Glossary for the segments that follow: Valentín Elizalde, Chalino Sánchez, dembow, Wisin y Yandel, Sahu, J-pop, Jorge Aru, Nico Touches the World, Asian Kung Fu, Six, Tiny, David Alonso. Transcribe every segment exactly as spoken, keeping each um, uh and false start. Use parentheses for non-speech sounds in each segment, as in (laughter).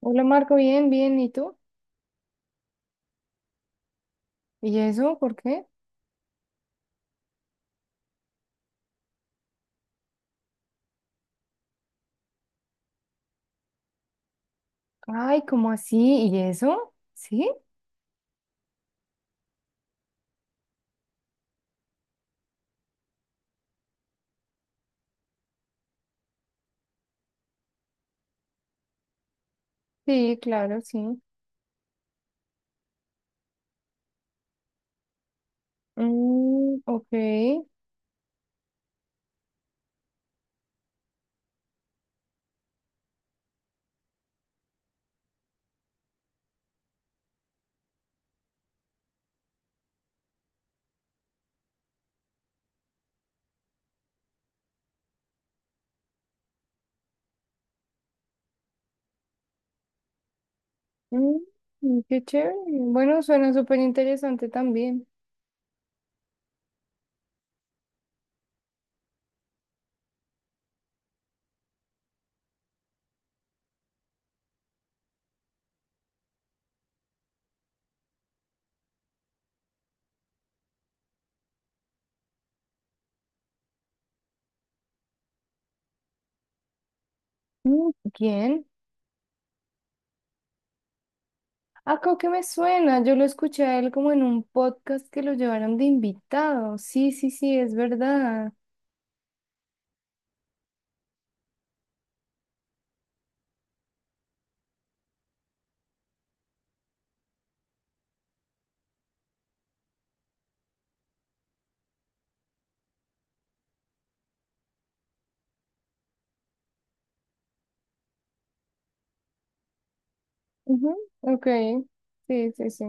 Hola Marco, bien, bien, ¿y tú? ¿Y eso? ¿Por qué? Ay, ¿cómo así? ¿Y eso? ¿Sí? Sí, claro, sí. Mm, ok. Mm, mm, qué chévere. Bueno, suena súper interesante también. Mm, ¿quién? Ah, creo que me suena. Yo lo escuché a él como en un podcast que lo llevaron de invitado. Sí, sí, sí, es verdad. Ujú, ok. Sí, sí, sí.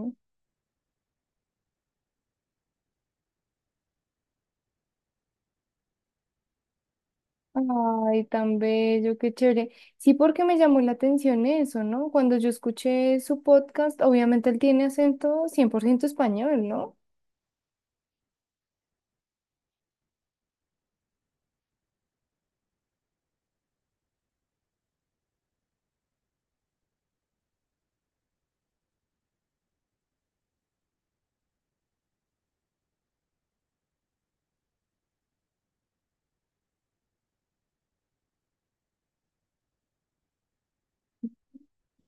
Ay, tan bello, qué chévere. Sí, porque me llamó la atención eso, ¿no? Cuando yo escuché su podcast, obviamente él tiene acento cien por ciento español, ¿no?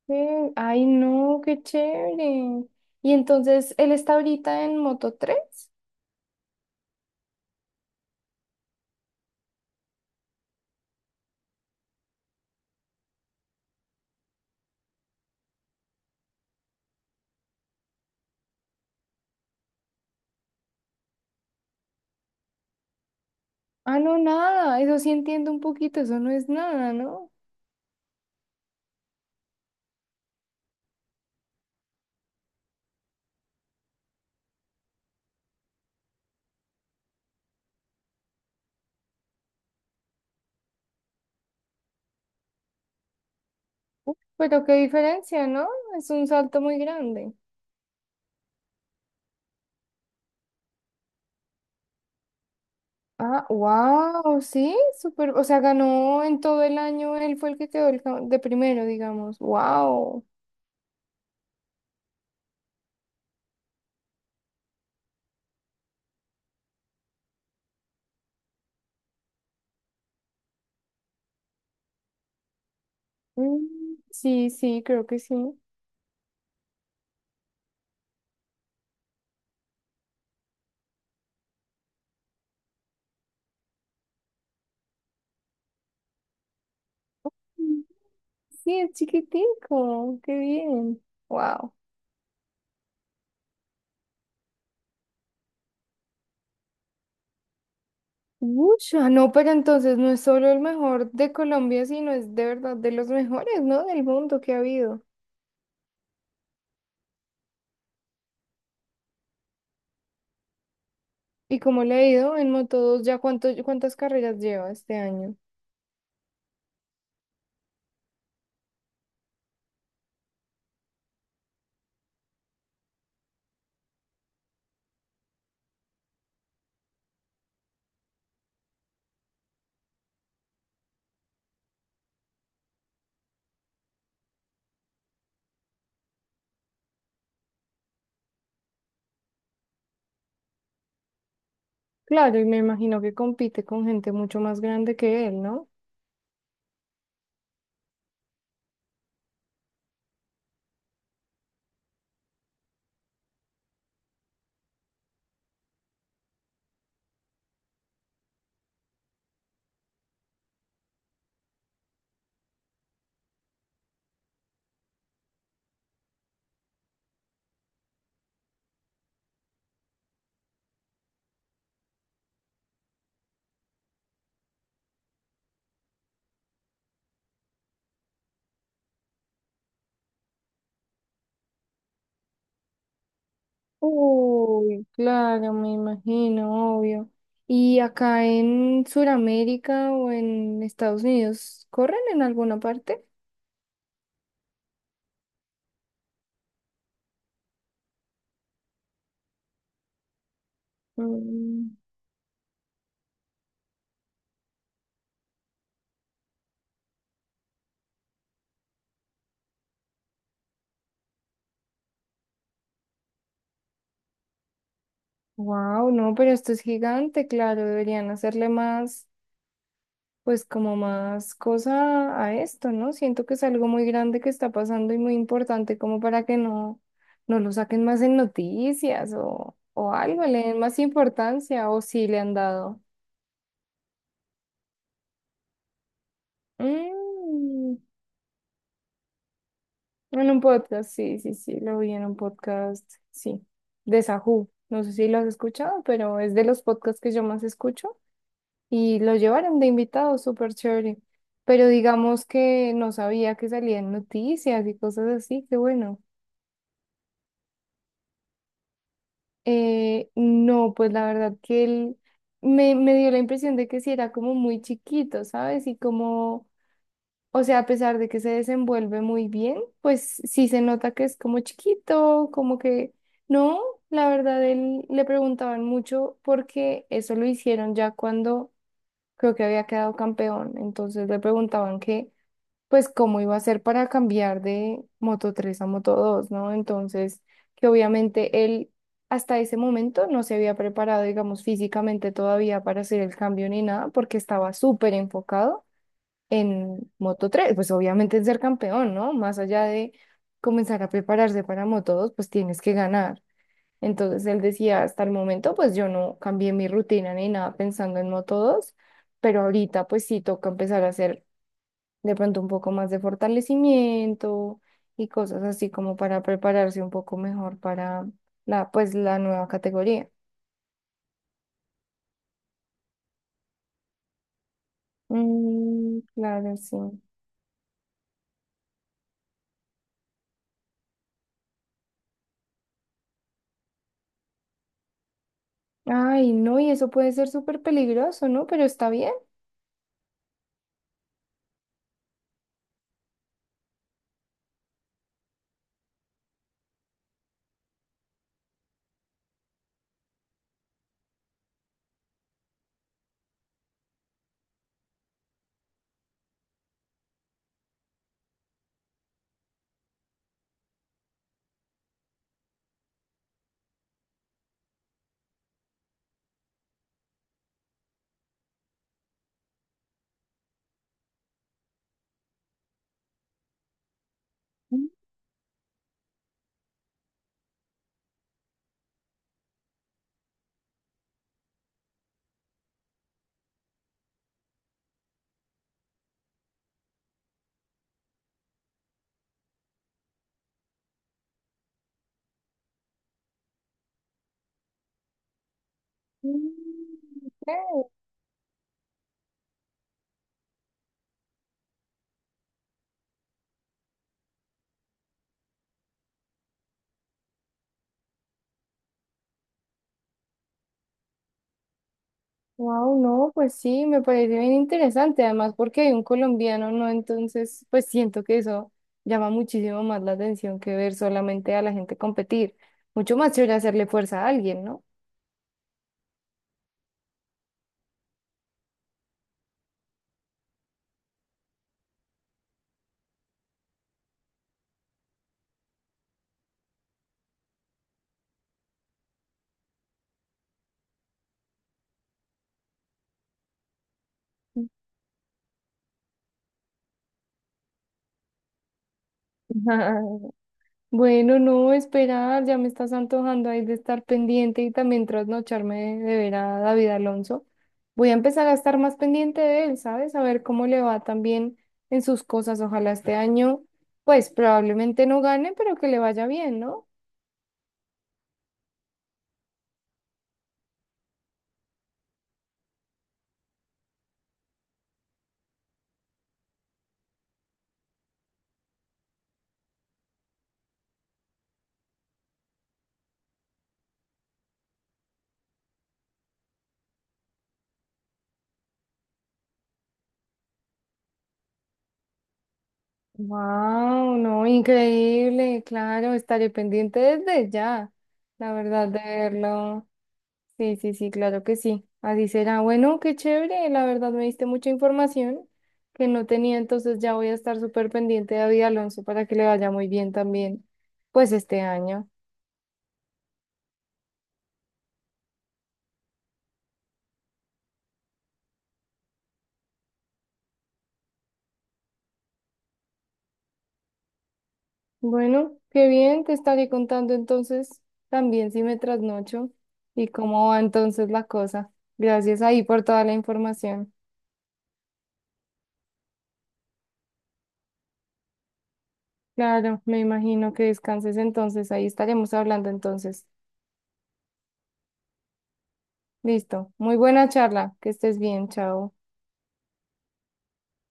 Eh, ay, no, qué chévere. Y entonces, ¿él está ahorita en Moto tres? Ah, no, nada, eso sí entiendo un poquito, eso no es nada, ¿no? Uf, pero qué diferencia, ¿no? Es un salto muy grande. Ah, wow, sí, súper, o sea, ganó en todo el año, él fue el que quedó el ca- de primero, digamos, wow. Sí, sí, creo que sí. Mm, sí, es chiquitico, qué bien, wow. Mucho, no, pero entonces no es solo el mejor de Colombia, sino es de verdad de los mejores, ¿no? Del mundo que ha habido. ¿Y como le ha ido en Moto dos? ¿Ya cuánto, cuántas carreras lleva este año? Claro, y me imagino que compite con gente mucho más grande que él, ¿no? Uy, claro, me imagino, obvio. ¿Y acá en Sudamérica o en Estados Unidos corren en alguna parte? Wow, no, pero esto es gigante, claro, deberían hacerle más, pues como más cosa a esto, ¿no? Siento que es algo muy grande que está pasando y muy importante como para que no, no lo saquen más en noticias o, o algo, le den más importancia o si le han dado. Mm. En un podcast, sí, sí, sí, lo vi en un podcast, sí, de Sahu. No sé si lo has escuchado, pero es de los podcasts que yo más escucho y lo llevaron de invitado, súper chévere. Pero digamos que no sabía que salían noticias y cosas así, qué bueno. Eh, no, pues la verdad que él me, me dio la impresión de que sí era como muy chiquito, ¿sabes? Y como, o sea, a pesar de que se desenvuelve muy bien, pues sí se nota que es como chiquito, como que no, la verdad él le preguntaban mucho porque eso lo hicieron ya cuando creo que había quedado campeón, entonces le preguntaban que pues cómo iba a ser para cambiar de Moto tres a Moto dos, ¿no? Entonces, que obviamente él hasta ese momento no se había preparado, digamos, físicamente todavía para hacer el cambio ni nada porque estaba súper enfocado en Moto tres, pues obviamente es ser campeón, ¿no? Más allá de comenzar a prepararse para Moto dos, pues tienes que ganar. Entonces él decía, hasta el momento, pues yo no cambié mi rutina ni nada pensando en Moto dos, pero ahorita pues sí toca empezar a hacer de pronto un poco más de fortalecimiento y cosas así como para prepararse un poco mejor para la, pues, la nueva categoría. Mm, claro, sí. Ay, no, y eso puede ser súper peligroso, ¿no? Pero está bien. Wow, no, pues sí, me parece bien interesante, además porque hay un colombiano, ¿no? Entonces, pues siento que eso llama muchísimo más la atención que ver solamente a la gente competir. Mucho más chévere hacerle fuerza a alguien, ¿no? (laughs) Bueno, no, esperar, ya me estás antojando ahí de estar pendiente y también trasnocharme de ver a David Alonso. Voy a empezar a estar más pendiente de él, ¿sabes? A ver cómo le va también en sus cosas. Ojalá este año, pues probablemente no gane, pero que le vaya bien, ¿no? Wow, no, increíble, claro, estaré pendiente desde ya, la verdad, de verlo. Sí, sí, sí, claro que sí. Así será. Bueno, qué chévere. La verdad me diste mucha información que no tenía, entonces ya voy a estar súper pendiente de David Alonso para que le vaya muy bien también, pues este año. Bueno, qué bien, te estaré contando entonces también si me trasnocho y cómo va entonces la cosa. Gracias ahí por toda la información. Claro, me imagino que descanses entonces, ahí estaremos hablando entonces. Listo. Muy buena charla, que estés bien, chao.